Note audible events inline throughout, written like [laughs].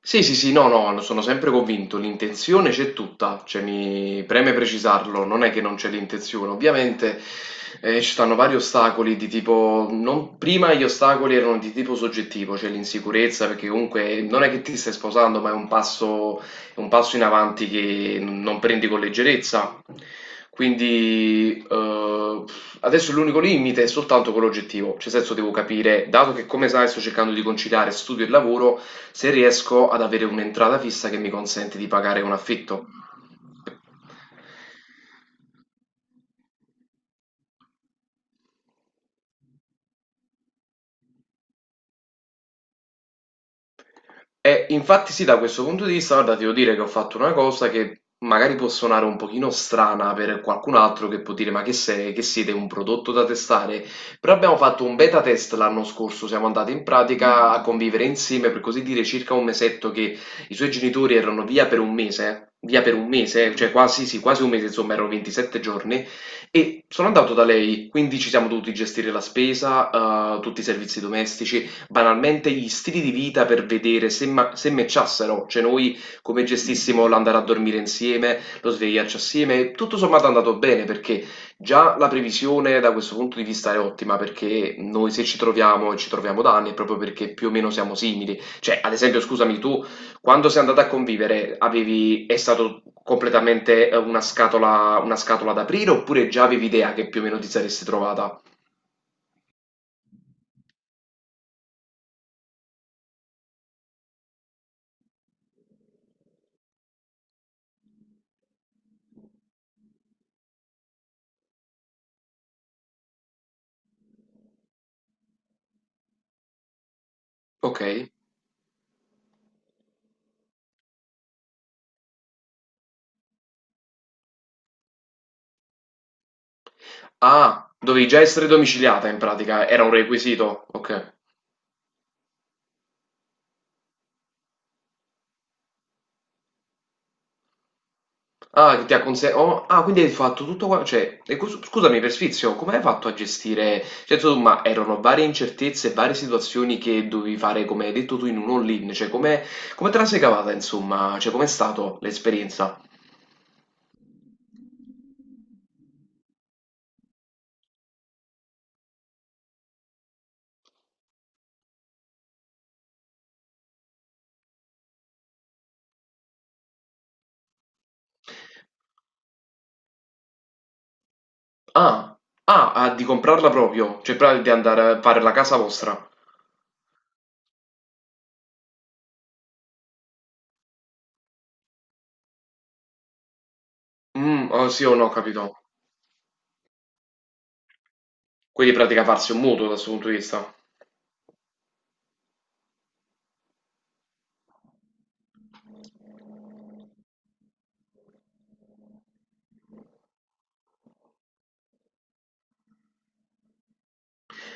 Sì, sì, sì, no, no, sono sempre convinto, l'intenzione c'è tutta, cioè mi preme precisarlo, non è che non c'è l'intenzione, ovviamente ci stanno vari ostacoli di tipo, prima gli ostacoli erano di tipo soggettivo, cioè l'insicurezza, perché comunque non è che ti stai sposando, ma è un passo in avanti che non prendi con leggerezza. Quindi adesso l'unico limite è soltanto quello oggettivo, cioè nel senso devo capire, dato che come sai sto cercando di conciliare studio e lavoro, se riesco ad avere un'entrata fissa che mi consente di pagare un affitto. E infatti sì, da questo punto di vista, guarda, ti devo dire che ho fatto una cosa che magari può suonare un pochino strana per qualcun altro che può dire ma che sei, che siete un prodotto da testare, però abbiamo fatto un beta test l'anno scorso, siamo andati in pratica a convivere insieme per così dire circa un mesetto che i suoi genitori erano via per un mese, via per un mese, cioè quasi, sì, quasi un mese, insomma erano 27 giorni e sono andato da lei, quindi ci siamo dovuti gestire la spesa, tutti i servizi domestici, banalmente gli stili di vita per vedere se, se matchassero, cioè noi come gestissimo l'andare a dormire insieme, lo svegliarci assieme, tutto sommato è andato bene perché già la previsione da questo punto di vista è ottima perché noi se ci troviamo e ci troviamo da anni è proprio perché più o meno siamo simili, cioè ad esempio scusami tu quando sei andata a convivere avevi, è stato completamente una scatola ad aprire oppure già avevi idea che più o meno ti saresti trovata? Ok. Ah, dovevi già essere domiciliata in pratica, era un requisito, ok. Ah, che ti ha conse- oh, ah, quindi hai fatto tutto qua, cioè, scusami per sfizio, come hai fatto a gestire, cioè, insomma, erano varie incertezze, varie situazioni che dovevi fare, come hai detto tu, in un all-in, cioè, come, come te la sei cavata, insomma, cioè, com'è stata l'esperienza? Ah, ah, ah, di comprarla proprio, cioè, proprio di andare a fare la casa vostra. Mm, oh, sì o no, capito. Quindi, in pratica, farsi un mutuo da questo punto di vista.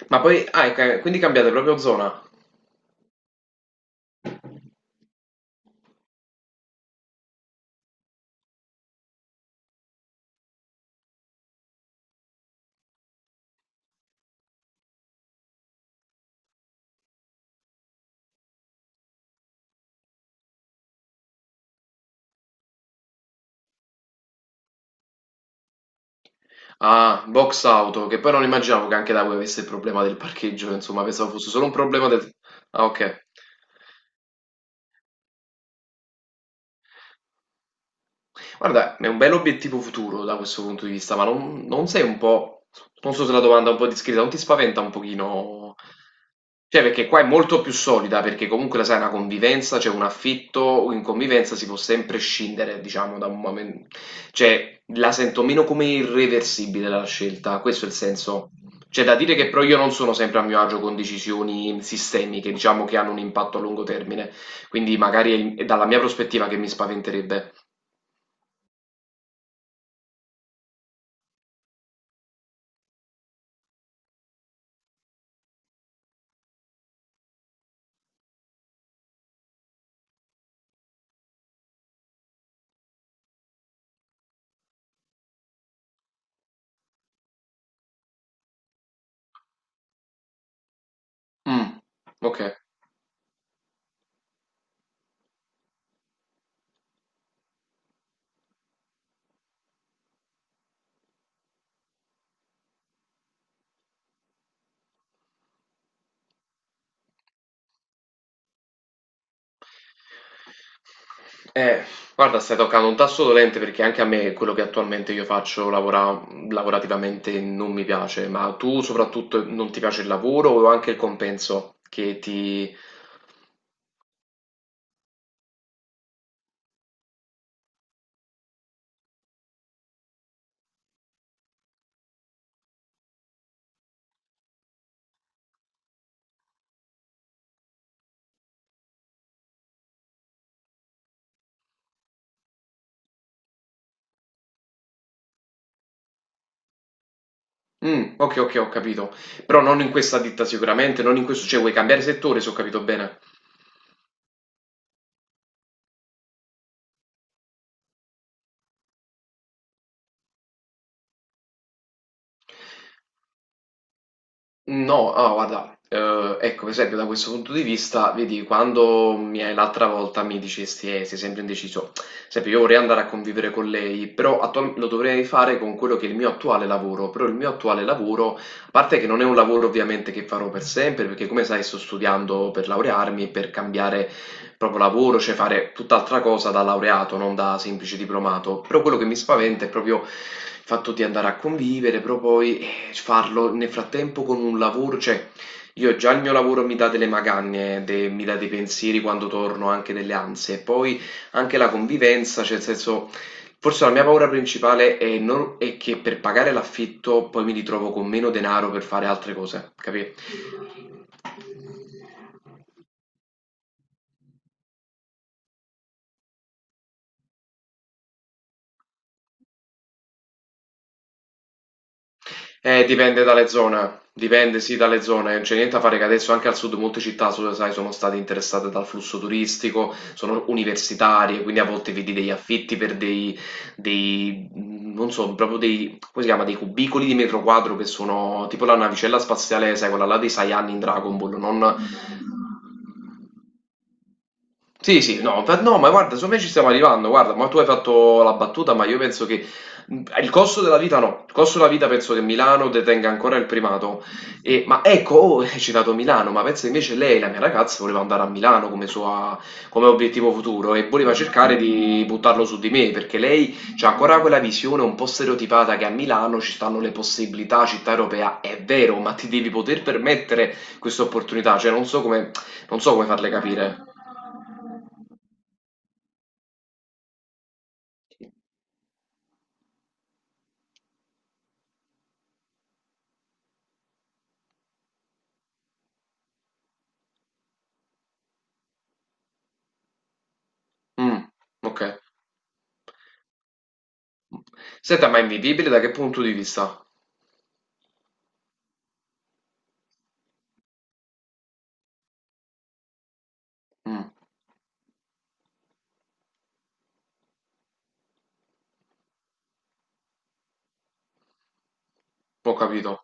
Ma poi, ah, quindi cambiate proprio zona? Ah, box auto, che poi non immaginavo che anche da voi avesse il problema del parcheggio, insomma, pensavo fosse solo un problema del... Ah, ok. Guarda, è un bell'obiettivo futuro da questo punto di vista, ma non, non sei un po', non so se la domanda è un po' discreta, non ti spaventa un pochino? Cioè, perché qua è molto più solida, perché comunque la sai, è una convivenza, c'è un affitto, in convivenza si può sempre scindere, diciamo, da un momento. Cioè, la sento meno come irreversibile la scelta, questo è il senso. C'è da dire che però io non sono sempre a mio agio con decisioni sistemiche, diciamo, che hanno un impatto a lungo termine. Quindi magari è dalla mia prospettiva che mi spaventerebbe. Mh, okay. Eh, guarda, stai toccando un tasto dolente perché anche a me quello che attualmente io faccio lavorativamente non mi piace, ma tu soprattutto non ti piace il lavoro o anche il compenso che ti okay, okay, ho capito. Però non in questa ditta sicuramente, non in questo cioè vuoi cambiare settore se ho capito bene. No, ah, guarda, ecco, per esempio da questo punto di vista, vedi, quando mi hai l'altra volta mi dicesti, sei sempre indeciso, sempre io vorrei andare a convivere con lei, però lo dovrei fare con quello che è il mio attuale lavoro, però il mio attuale lavoro, a parte che non è un lavoro ovviamente che farò per sempre, perché come sai sto studiando per laurearmi, e per cambiare proprio lavoro, cioè fare tutt'altra cosa da laureato, non da semplice diplomato. Però quello che mi spaventa è proprio il fatto di andare a convivere, però poi farlo nel frattempo con un lavoro, cioè io già il mio lavoro mi dà delle magagne, mi dà dei pensieri quando torno, anche delle ansie, poi anche la convivenza, cioè nel senso... Forse la mia paura principale è, è che per pagare l'affitto poi mi ritrovo con meno denaro per fare altre cose, capito? Dipende dalle zone, dipende sì dalle zone, non c'è niente da fare che adesso anche al sud molte città, sai, sono state interessate dal flusso turistico, sono universitarie, quindi a volte vedi degli affitti per dei, dei, non so, proprio dei, come si chiama, dei cubicoli di metro quadro che sono tipo la navicella spaziale, sai, quella là dei Saiyan in Dragon Ball, non, sì, sì, no, ma no, ma guarda, secondo me ci stiamo arrivando, guarda, ma tu hai fatto la battuta, ma io penso che il costo della vita no, il costo della vita penso che Milano detenga ancora il primato, E- ma ecco, oh, [laughs] hai citato Milano, ma penso invece lei, la mia ragazza, voleva andare a Milano come, come obiettivo futuro e voleva cercare di buttarlo su di me, perché lei c'ha ancora quella visione un po' stereotipata che a Milano ci stanno le possibilità, città europea, è vero, ma ti devi poter permettere questa opportunità, cioè non so come farle capire. Mm, ok. Senta, ma è invivibile da che punto di vista? Mm, ho capito.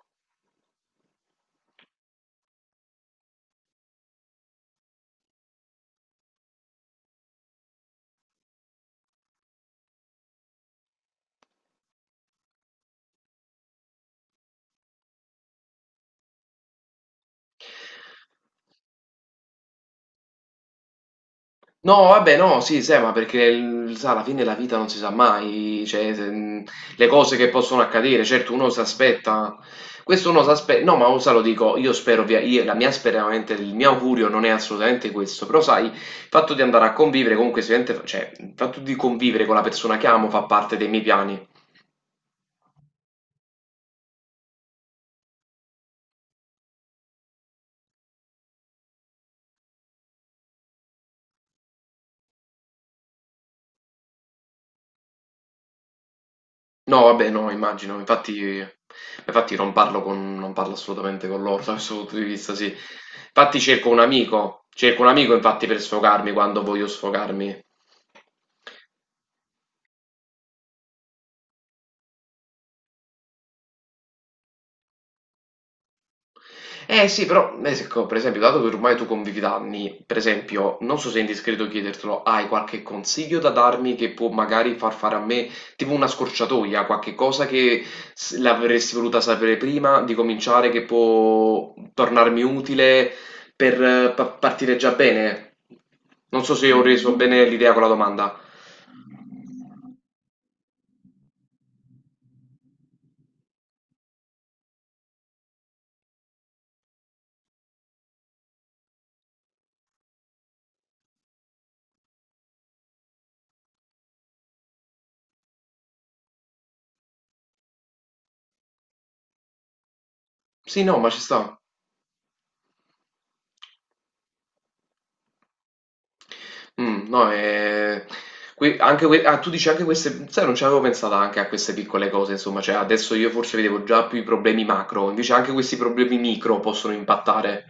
No, vabbè, no, sì, sai, ma perché il- sa, alla fine la vita non si sa mai, cioè, le cose che possono accadere, certo uno si aspetta, questo uno si aspetta, no, ma sa, lo dico, io spero, via, io- la mia speranza, il mio augurio non è assolutamente questo, però sai, il fatto di andare a convivere comunque, sicuramente, cioè, il fatto di convivere con la persona che amo fa parte dei miei piani. No, vabbè, no, immagino, infatti, infatti non parlo assolutamente con loro [laughs] da questo punto di vista, sì. Infatti cerco un amico infatti per sfogarmi quando voglio sfogarmi. Eh sì, però, se co- per esempio, dato che ormai tu convivi da anni, per esempio, non so se è indiscreto chiedertelo, hai qualche consiglio da darmi che può magari far fare a me tipo una scorciatoia, qualche cosa che l'avresti voluta sapere prima di cominciare, che può tornarmi utile per partire già bene? Non so se ho reso bene l'idea con la domanda. Sì, no, ma ci sta. No, que anche que ah, tu dici anche queste sai, non ci avevo pensato anche a queste piccole cose, insomma, cioè adesso io forse vedevo già più i problemi macro, invece anche questi problemi micro possono impattare.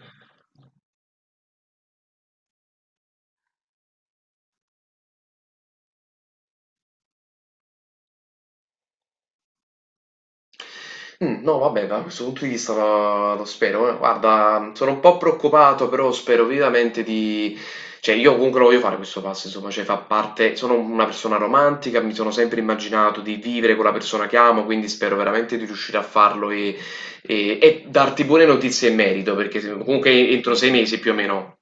No vabbè, da questo punto di vista lo spero, eh. Guarda, sono un po' preoccupato, però spero vivamente di cioè io comunque lo voglio fare questo passo, insomma, cioè fa parte sono una persona romantica, mi sono sempre immaginato di vivere con la persona che amo, quindi spero veramente di riuscire a farlo e darti buone notizie in merito, perché se comunque entro 6 mesi più o meno.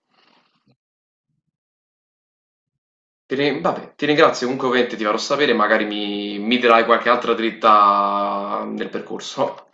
Ti ri vabbè, ti ringrazio, comunque ovviamente ti farò sapere, magari mi dirai qualche altra dritta nel percorso.